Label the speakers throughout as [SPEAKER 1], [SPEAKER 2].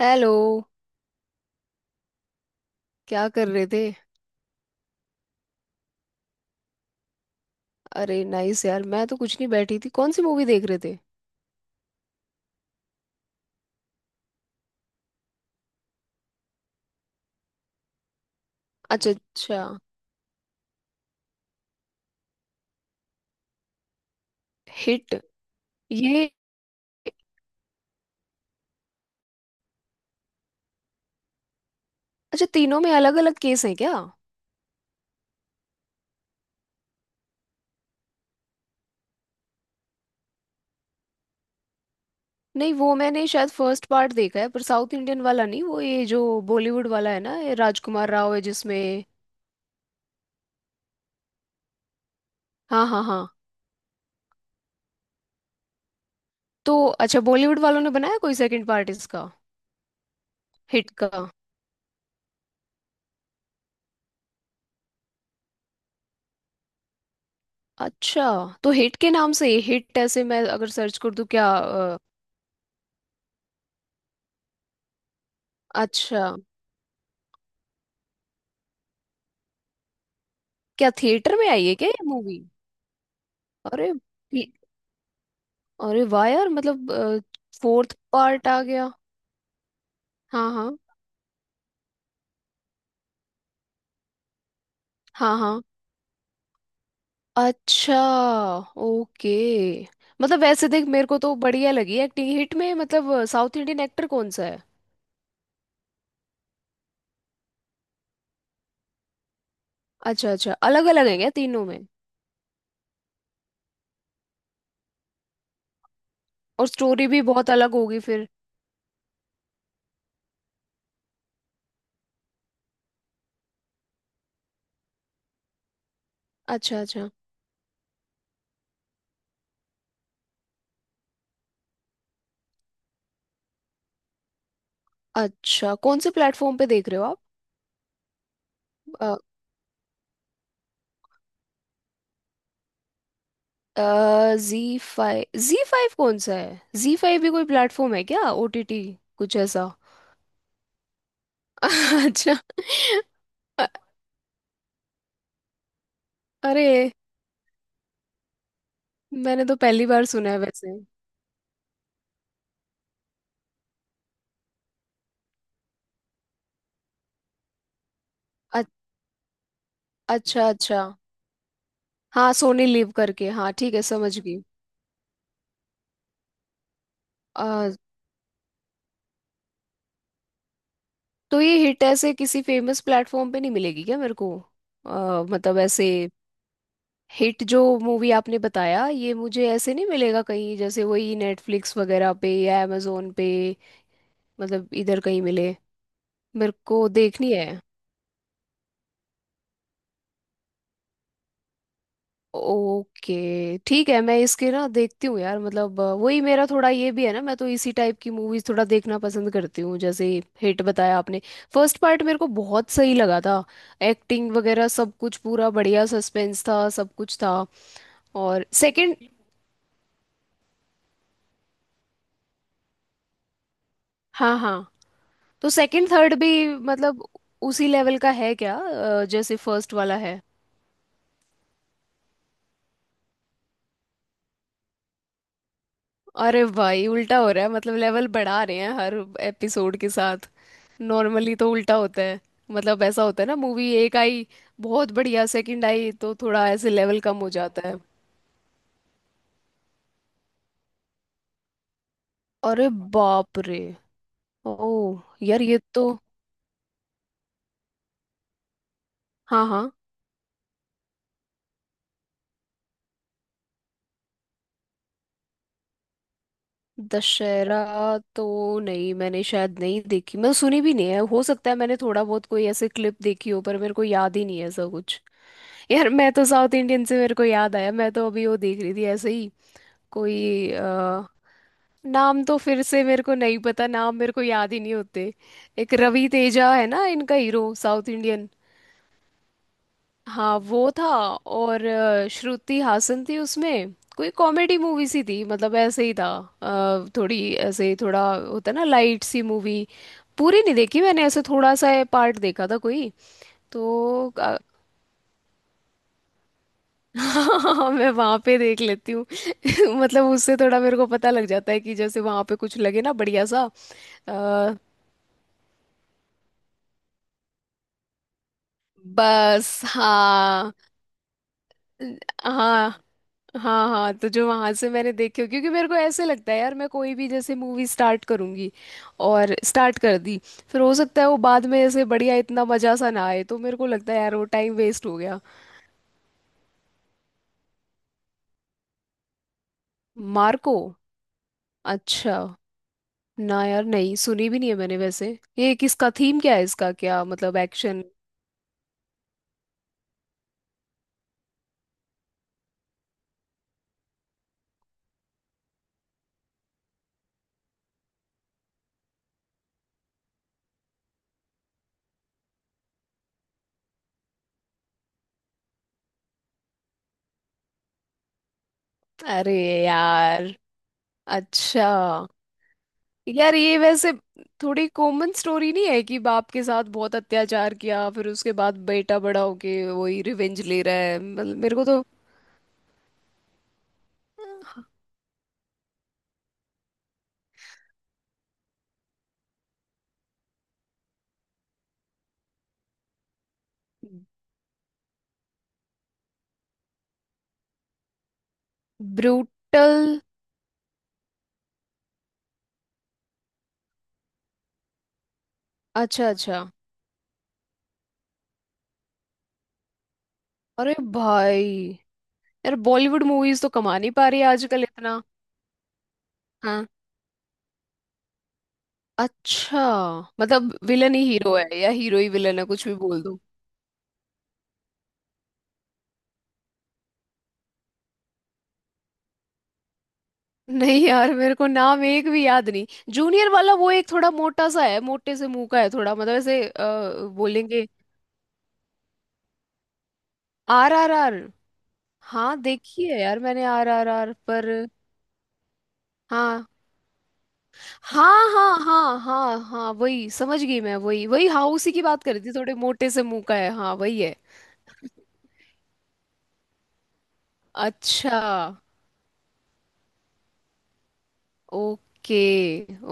[SPEAKER 1] Hello. क्या कर रहे थे? अरे नाइस यार। मैं तो कुछ नहीं बैठी थी। कौन सी मूवी देख रहे थे? अच्छा अच्छा। हिट ये। अच्छा, तीनों में अलग अलग केस हैं क्या? नहीं वो मैंने शायद फर्स्ट पार्ट देखा है, पर साउथ इंडियन वाला नहीं। वो ये जो बॉलीवुड वाला है ना, ये राजकुमार राव है जिसमें। हाँ हाँ हाँ। तो अच्छा, बॉलीवुड वालों ने बनाया कोई सेकंड पार्ट इसका? हिट का? अच्छा। तो हिट के नाम से ये, हिट ऐसे मैं अगर सर्च कर दूं क्या? अच्छा। क्या थिएटर में आई है क्या ये मूवी? अरे! अरे वाह यार, मतलब फोर्थ पार्ट आ गया! हाँ हाँ हाँ हाँ। अच्छा। ओके। मतलब वैसे देख, मेरे को तो बढ़िया लगी एक्टिंग हिट में। मतलब साउथ इंडियन एक्टर कौन सा है? अच्छा अच्छा। अलग अलग है क्या तीनों में? और स्टोरी भी बहुत अलग होगी फिर। अच्छा। अच्छा। अच्छा, कौन से प्लेटफॉर्म पे देख रहे हो आप? जी फाइव? जी फाइव कौन सा है? जी फाइव भी कोई प्लेटफॉर्म है क्या, ओटीटी कुछ ऐसा? अच्छा। अ- अरे! मैंने तो पहली बार सुना है वैसे। अ- अच्छा अच्छा। हाँ सोनी लिव करके, हाँ ठीक है, समझ गई। अ, तो ये हिट ऐसे किसी फेमस प्लेटफॉर्म पे नहीं मिलेगी क्या मेरे को? मतलब ऐसे, हिट जो मूवी आपने बताया, ये मुझे ऐसे नहीं मिलेगा कहीं? जैसे वही नेटफ्लिक्स वगैरह पे या amazon पे, मतलब इधर कहीं मिले? मेरे को देखनी है। ओके ठीक है, मैं इसके ना देखती हूँ यार। मतलब वही मेरा थोड़ा ये भी है ना, मैं तो इसी टाइप की मूवीज थोड़ा देखना पसंद करती हूँ, जैसे हिट बताया आपने, फर्स्ट पार्ट मेरे को बहुत सही लगा था। एक्टिंग वगैरह सब कुछ पूरा बढ़िया, सस्पेंस था, सब कुछ था। और सेकंड? हाँ हाँ। तो सेकंड थर्ड भी मतलब उसी लेवल का है क्या, जैसे फर्स्ट वाला है? अरे भाई उल्टा हो रहा है मतलब, लेवल बढ़ा रहे हैं हर एपिसोड के साथ। नॉर्मली तो उल्टा होता है। मतलब ऐसा होता है ना, मूवी एक आई बहुत बढ़िया, सेकंड आई तो थोड़ा ऐसे लेवल कम हो जाता है। अरे! बाप रे! ओ! यार ये तो! हाँ हाँ। दशहरा? तो नहीं, मैंने शायद नहीं देखी, मैं सुनी भी नहीं है। हो सकता है मैंने थोड़ा बहुत कोई ऐसे क्लिप देखी हो, पर मेरे को याद ही नहीं है ऐसा कुछ। यार मैं तो, साउथ इंडियन से मेरे को याद आया, मैं तो अभी वो देख रही थी ऐसे ही कोई। नाम तो फिर से मेरे को नहीं पता, नाम मेरे को याद ही नहीं होते। एक रवि तेजा है ना, इनका हीरो साउथ इंडियन। हाँ वो था, और श्रुति हासन थी उसमें। कोई कॉमेडी मूवी सी थी, मतलब ऐसे ही था। थोड़ी ऐसे, थोड़ा होता है ना लाइट सी मूवी। पूरी नहीं देखी मैंने, ऐसे थोड़ा सा पार्ट देखा था कोई। तो अ, हाँ, मैं वहां पे देख लेती हूँ। मतलब उससे थोड़ा मेरे को पता लग जाता है कि जैसे वहां पे कुछ लगे ना बढ़िया सा, बस। हाँ हाँ। हाँ हाँ। तो जो वहां से मैंने देखे, क्योंकि मेरे को ऐसे लगता है यार, मैं कोई भी जैसे मूवी स्टार्ट करूंगी और स्टार्ट कर दी, फिर हो सकता है वो बाद में ऐसे बढ़िया, इतना मजा सा ना आए, तो मेरे को लगता है यार वो टाइम वेस्ट हो गया। मार्को? अच्छा। ना यार, नहीं सुनी भी नहीं है मैंने वैसे। ये किसका, थीम क्या है इसका, क्या मतलब एक्शन? अरे! यार! अच्छा। यार ये वैसे थोड़ी कॉमन स्टोरी नहीं है कि बाप के साथ बहुत अत्याचार किया, फिर उसके बाद बेटा बड़ा होके वही रिवेंज ले रहा है, मतलब मेरे को तो। ब्रूटल। अच्छा अच्छा। अरे भाई! यार बॉलीवुड मूवीज तो कमा नहीं पा रही है आजकल इतना। हाँ। अच्छा। मतलब विलन ही हीरो है या हीरो ही विलन है, कुछ भी बोल दो। नहीं यार, मेरे को नाम एक भी याद नहीं। जूनियर वाला वो एक थोड़ा मोटा सा है, मोटे से मुंह का है थोड़ा, मतलब ऐसे, बोलेंगे। आर आर आर? हाँ देखी है यार मैंने आर आर आर, पर। हाँ हाँ हाँ हाँ हाँ हाँ, वही समझ गई मैं, वही वही, हाँ उसी की बात कर रही थी, थोड़े मोटे से मुंह का है, हाँ वही है। अच्छा। ओके।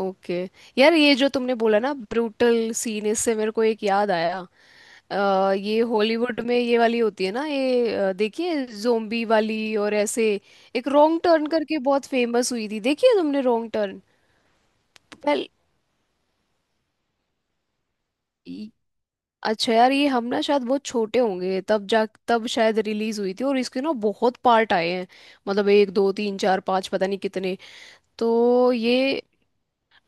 [SPEAKER 1] ओके। यार ये जो तुमने बोला ना ब्रूटल सीन, इससे मेरे को एक याद आया। ये हॉलीवुड में ये वाली होती है ना ये, देखिए, जोम्बी वाली और ऐसे। एक रॉन्ग टर्न करके बहुत फेमस हुई थी, देखिए तुमने रॉन्ग टर्न पहले? अच्छा यार, ये हम ना शायद बहुत छोटे होंगे तब, जा तब शायद रिलीज हुई थी, और इसके ना बहुत पार्ट आए हैं। मतलब एक दो तीन चार पाँच, पता नहीं कितने। तो ये,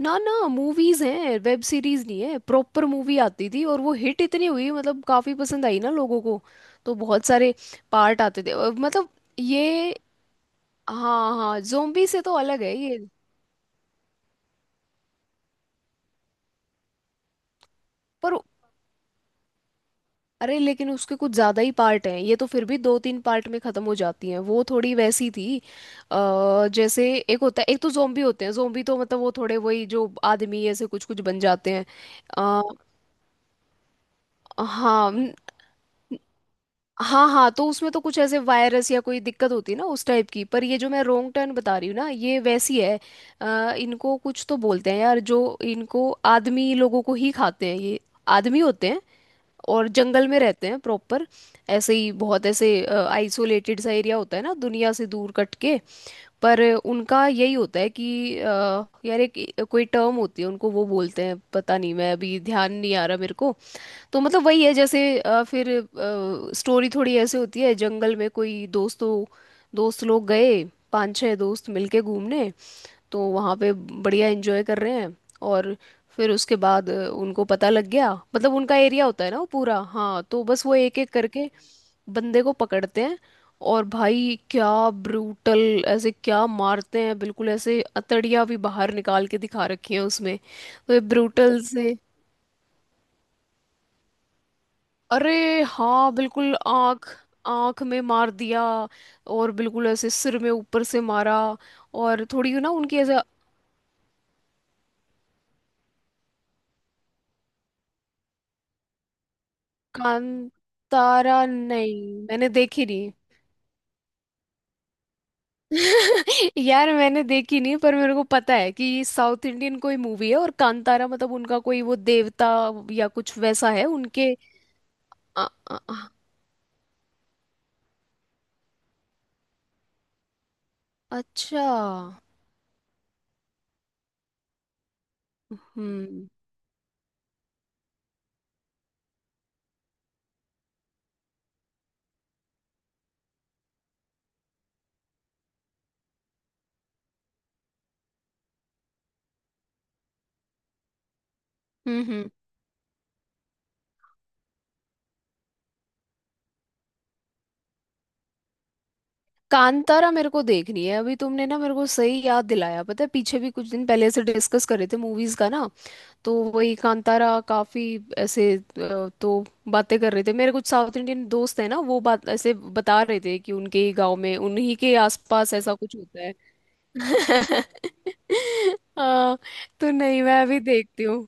[SPEAKER 1] ना ना, मूवीज हैं, वेब सीरीज नहीं है। प्रॉपर मूवी आती थी, और वो हिट इतनी हुई मतलब, काफी पसंद आई ना लोगों को, तो बहुत सारे पार्ट आते थे, और मतलब ये। हाँ हाँ। जोम्बी से तो अलग है ये, पर। अरे, लेकिन उसके कुछ ज्यादा ही पार्ट हैं। ये तो फिर भी दो तीन पार्ट में खत्म हो जाती हैं, वो थोड़ी वैसी थी। जैसे एक होता है, एक तो जोम्बी होते हैं, जोम्बी तो मतलब वो थोड़े वही जो आदमी ऐसे कुछ कुछ बन जाते हैं। अ, हाँ हाँ हाँ। तो उसमें तो कुछ ऐसे वायरस या कोई दिक्कत होती है ना उस टाइप की, पर ये जो मैं रोंग टर्न बता रही हूँ ना, ये वैसी है। इनको कुछ तो बोलते हैं यार, जो इनको, आदमी लोगों को ही खाते हैं ये, आदमी होते हैं। और जंगल में रहते हैं प्रॉपर, ऐसे ही बहुत ऐसे आइसोलेटेड सा एरिया होता है ना, दुनिया से दूर कट के। पर उनका यही होता है कि यार एक कोई टर्म होती है उनको, वो बोलते हैं पता नहीं, मैं अभी ध्यान नहीं आ रहा मेरे को। तो मतलब वही है, जैसे फिर स्टोरी थोड़ी ऐसे होती है, जंगल में कोई दोस्त लोग गए, पांच छह दोस्त मिलके घूमने। तो वहाँ पे बढ़िया एंजॉय कर रहे हैं, और फिर उसके बाद उनको पता लग गया, मतलब उनका एरिया होता है ना वो पूरा। हाँ, तो बस वो एक एक करके बंदे को पकड़ते हैं। और भाई क्या ब्रूटल! ऐसे क्या मारते हैं बिल्कुल, ऐसे अतड़ियाँ भी बाहर निकाल के दिखा रखी हैं उसमें। तो ये ब्रूटल से! अरे! हाँ बिल्कुल, आंख, आंख में मार दिया, और बिल्कुल ऐसे सिर में ऊपर से मारा, और थोड़ी ना उनकी ऐसा। कांतारा नहीं, मैंने देखी नहीं। यार मैंने देखी नहीं, पर मेरे को पता है कि साउथ इंडियन कोई मूवी है, और कांतारा मतलब उनका कोई वो देवता या कुछ वैसा है उनके। अ- अ- अ- अच्छा। हम्म हम्म। कांतारा मेरे को देखनी है अभी, तुमने ना मेरे को सही याद दिलाया, पता है पीछे भी कुछ दिन पहले से डिस्कस कर रहे थे मूवीज का ना। तो वही कांतारा काफी ऐसे, तो बातें कर रहे थे, मेरे कुछ साउथ इंडियन दोस्त हैं ना, वो बात ऐसे बता रहे थे कि उनके ही गांव में, उन्हीं के आसपास ऐसा कुछ होता है। हाँ। तो नहीं, मैं अभी देखती हूँ।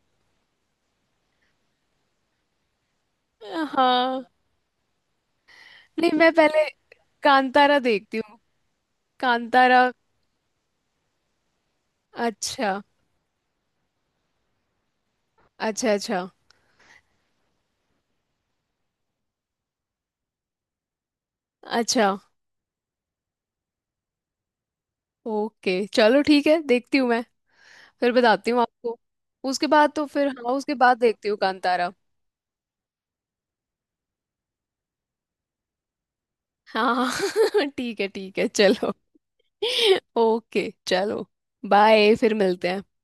[SPEAKER 1] हाँ। नहीं, मैं पहले कांतारा देखती हूँ। कांतारा। अच्छा अच्छा। अच्छा अच्छा। ओके चलो ठीक है, देखती हूँ मैं। फिर बताती हूँ आपको। उसके बाद तो फिर, हाँ उसके बाद देखती हूँ कांतारा। हाँ। ठीक है चलो। ओके चलो। बाय, फिर मिलते हैं।